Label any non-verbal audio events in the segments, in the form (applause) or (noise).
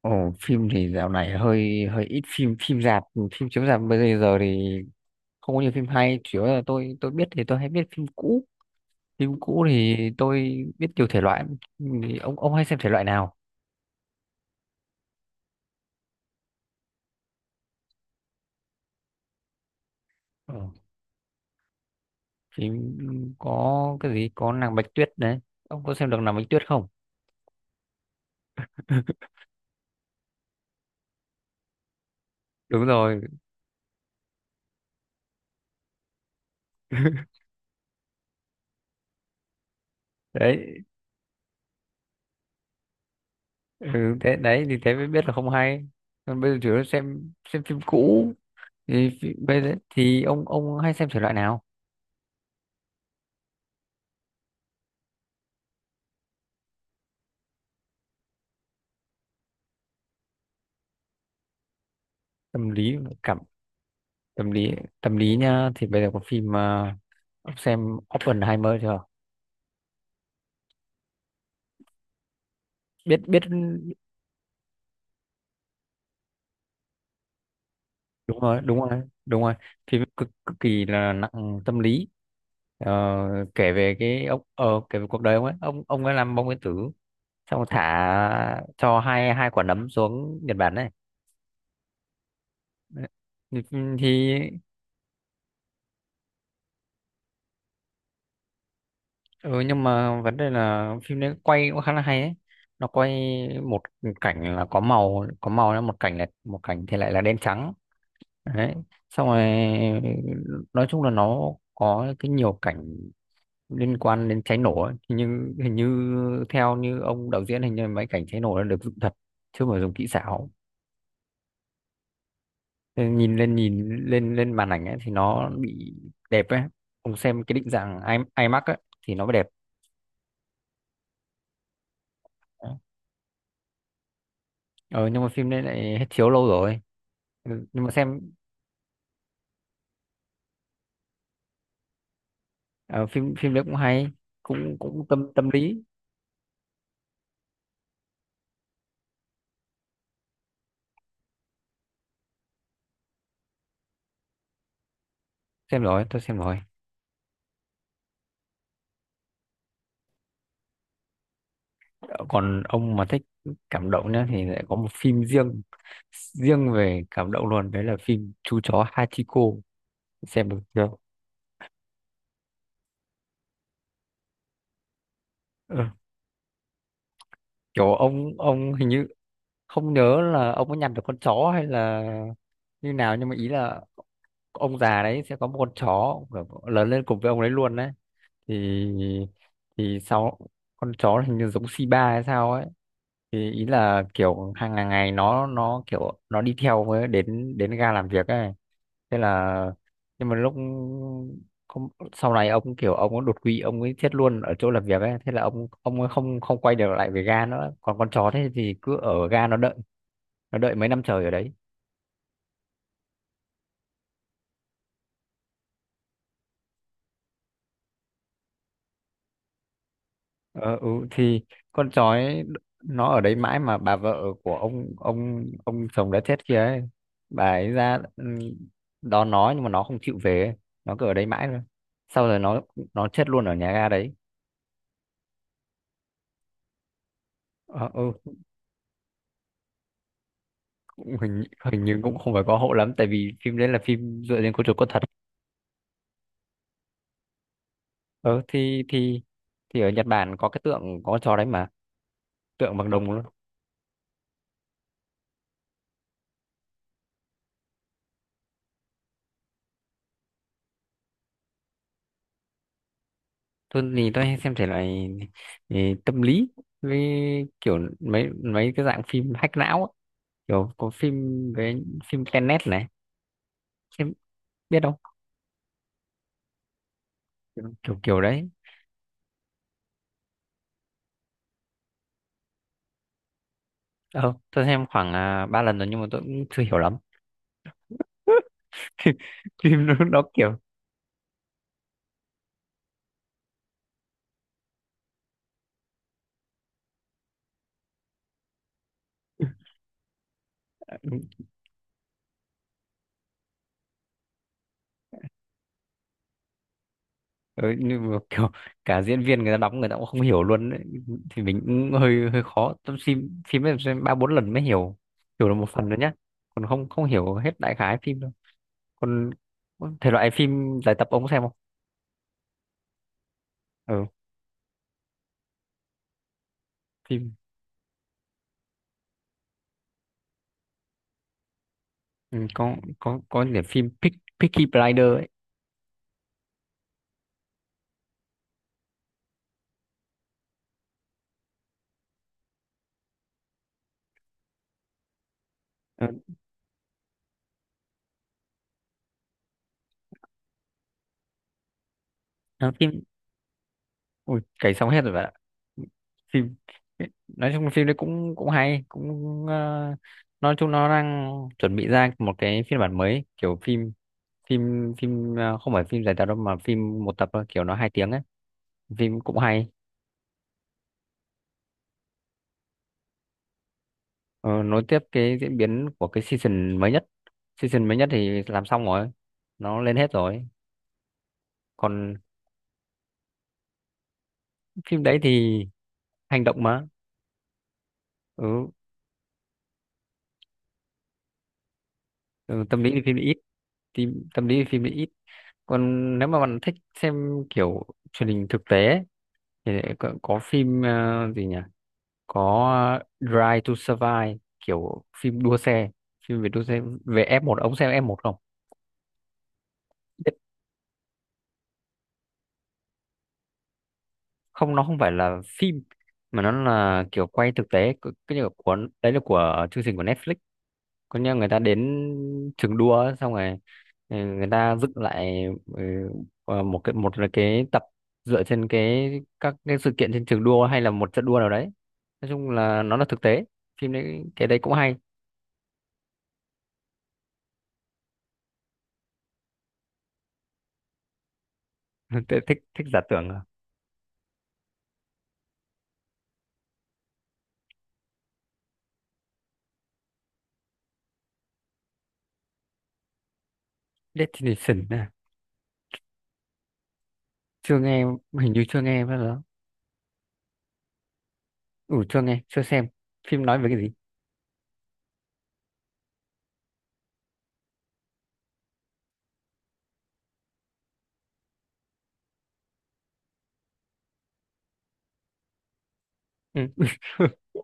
Ồ, phim thì dạo này hơi hơi ít phim phim rạp, phim chiếu rạp bây giờ thì không có nhiều phim hay, chủ yếu là tôi biết thì tôi hay biết phim cũ. Phim cũ thì tôi biết nhiều thể loại, thì ông hay xem thể loại nào? Ờ, phim có cái gì có nàng Bạch Tuyết đấy, ông có xem được nàng Bạch Tuyết không? (laughs) Đúng rồi. (laughs) Đấy, ừ, thế đấy thì thế mới biết là không hay. Còn bây giờ chủ yếu là xem phim cũ thì bây giờ thì ông hay xem thể loại nào? Tâm lý, cảm, tâm lý. Tâm lý nhá thì bây giờ có phim ông xem Oppenheimer chưa? Biết biết Đúng rồi, đúng rồi, đúng rồi. Phim cực cực kỳ là nặng tâm lý. Ờ, kể về cái ông, kể về cuộc đời ông ấy, ông ấy làm bom nguyên tử, xong rồi thả cho hai hai quả nấm xuống Nhật Bản này. Đấy. thì, thì ừ, nhưng mà vấn đề là phim đấy quay cũng khá là hay ấy, nó quay một cảnh là có màu, có màu là một cảnh, là một cảnh thì lại là đen trắng. Đấy, xong rồi nói chung là nó có cái nhiều cảnh liên quan đến cháy nổ ấy. Hình như, hình như theo như ông đạo diễn, hình như mấy cảnh cháy nổ nó được dựng thật chứ không phải dùng kỹ xảo. Thế nhìn lên, nhìn lên lên màn ảnh ấy thì nó bị đẹp ấy. Ông xem cái định dạng IMAX ấy thì nó mới đẹp. Ờ, nhưng mà phim đấy lại hết chiếu lâu rồi. Ừ, nhưng mà xem ờ, phim phim đấy cũng hay, cũng cũng tâm tâm lý. Xem rồi, tôi xem rồi. Còn ông mà thích cảm động nhá thì lại có một phim riêng, riêng về cảm động luôn, đấy là phim chú chó Hachiko, xem được chưa? Ừ, kiểu ông hình như không nhớ là ông có nhặt được con chó hay là như nào, nhưng mà ý là ông già đấy sẽ có một con chó kiểu lớn lên cùng với ông đấy luôn đấy. Thì thì sau, con chó hình như giống Shiba hay sao ấy, thì ý là kiểu hàng ngày ngày nó kiểu nó đi theo với đến đến ga làm việc ấy. Thế là, nhưng mà lúc không, sau này ông kiểu ông có đột quỵ, ông ấy chết luôn ở chỗ làm việc ấy. Thế là ông ấy không không quay được lại về ga nữa, còn con chó thế thì cứ ở ga nó đợi, nó đợi mấy năm trời ở đấy. Ờ, ừ, thì con sói nó ở đấy mãi, mà bà vợ của ông, ông chồng đã chết kia ấy, bà ấy ra ừ, đón nó nhưng mà nó không chịu về ấy. Nó cứ ở đấy mãi thôi, sau rồi nó chết luôn ở nhà ga đấy. Ờ, ừ, cũng hình, hình như cũng không phải có hộ lắm tại vì phim đấy là phim dựa trên câu chuyện có thật. Ờ, thì thì ở Nhật Bản có cái tượng có con chó đấy mà, tượng bằng đồng luôn. Tôi thì tôi hay xem thể loại ừ, tâm lý, với kiểu mấy mấy cái dạng phim hack não ấy, kiểu có phim với phim Tenet này, em biết không? Kiểu kiểu, kiểu đấy. Ờ, tôi xem khoảng ba lần rồi nhưng mà tôi cũng chưa hiểu lắm. (laughs) Phim nó kiểu (laughs) ừ, nhưng mà kiểu cả diễn viên người ta đóng người ta cũng không hiểu luôn ấy. Thì mình cũng hơi hơi khó, tôi phim phim ấy xem ba bốn lần mới hiểu, hiểu được một phần rồi nhá, còn không không hiểu hết đại khái phim đâu. Còn thể loại phim giải tập ông có xem không? Ừ, phim ừ, có điểm phim Peaky Blinders ấy. Ừ. Ờ, phim ui, cày xong hết rồi bạn ạ. Phim nói chung phim đấy cũng cũng hay cũng ờ, nói chung nó đang chuẩn bị ra một cái phiên bản mới kiểu phim, phim phim ờ, không phải phim dài tập đâu mà phim một tập thôi, kiểu nó hai tiếng ấy, phim cũng hay. Ờ, nối tiếp cái diễn biến của cái season mới nhất, season mới nhất thì làm xong rồi, nó lên hết rồi. Còn phim đấy thì hành động mà ừ, ừ, tâm lý thì phim ít. Tâm lý thì phim ít. Còn nếu mà bạn thích xem kiểu truyền hình thực tế ấy, thì có phim ờ, gì nhỉ, có Drive to Survive kiểu phim đua xe, phim về đua xe về F1, ông xem F1 không? Biết- Không, nó không phải là phim mà nó là kiểu quay thực tế, cái như là của, đấy là của chương trình của Netflix. Có nghĩa người ta đến trường đua ấy, xong rồi ừ, người ta dựng lại, ừ, ờ, một cái, một là cái tập dựa trên cái các cái sự kiện trên trường đua hay là một trận đua nào đấy. Nói chung là nó là thực tế, phim đấy, cái đấy cũng hay. (laughs) Tôi thích thích giả tưởng à. Destination à. Chưa nghe, hình như chưa nghe bao giờ. Ừ, chưa nghe chưa xem, phim nói về cái gì? Ừ. (laughs)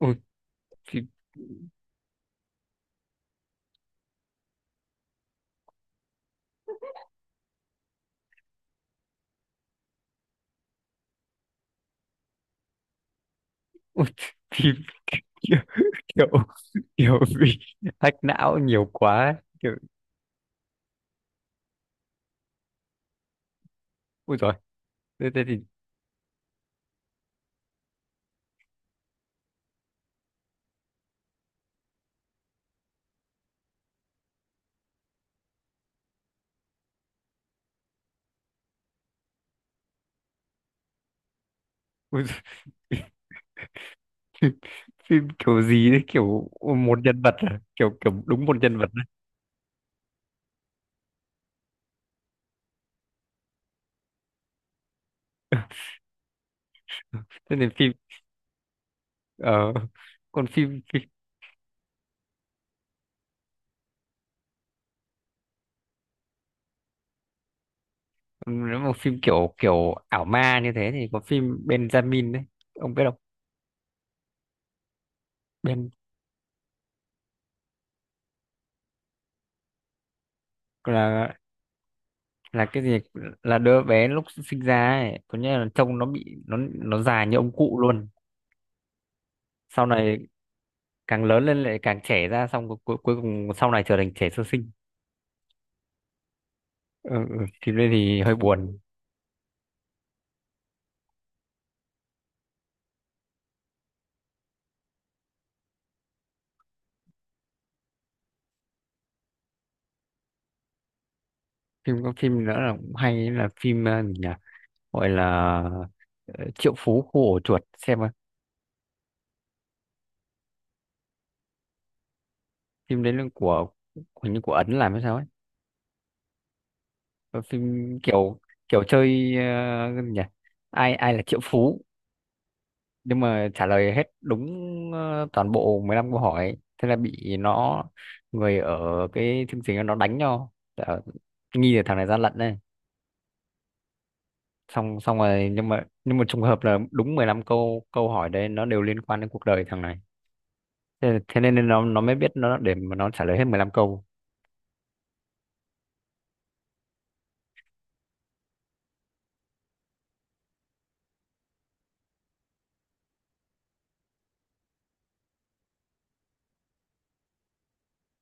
Ôi, phim ôi, phim (laughs) kiểu, kiểu kiểu bị hack não nhiều quá kiểu. Ui, thế thế thì ui, phim, (laughs) phim kiểu gì đấy kiểu một nhân vật à, kiểu kiểu đúng một nhân vật đấy. Thế nên phim ờ, còn phim, nếu mà phim kiểu kiểu ảo ma như thế thì có phim Benjamin đấy, ông biết không? Ben là là cái gì, là đứa bé lúc sinh ra ấy có nghĩa là trông nó bị, nó già như ông cụ luôn, sau này càng lớn lên lại càng trẻ ra, xong cuối cùng sau này trở thành trẻ sơ sinh. Ừ, ừ, phim đây thì hơi buồn. Phim có phim nữa là cũng hay là phim ờ, gì nhỉ, gọi là ờ, Triệu Phú Khu Ổ Chuột xem coi. Phim đấy là của, hình như của Ấn làm hay sao ấy. Ờ, phim kiểu kiểu chơi ờ, cái gì nhỉ, ai ai là Triệu Phú, nhưng mà trả lời hết đúng ờ, toàn bộ 15 câu hỏi. Thế là bị nó, người ở cái chương trình đó nó đánh nhau. Ờ, nghi là thằng này gian lận đây, xong xong rồi nhưng mà trùng hợp là đúng 15 câu câu hỏi đấy nó đều liên quan đến cuộc đời thằng này. Thế nên nó mới biết nó để mà nó trả lời hết 15 câu.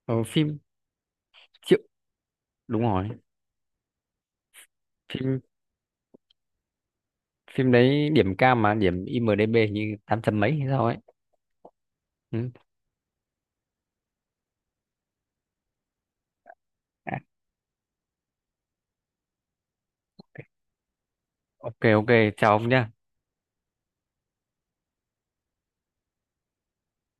Ờ, phim triệu, đúng rồi. Phim phim đấy điểm cao mà, điểm IMDb như 800 mấy hay sao ấy. Ừ. À, ok ok, chào ông nhá.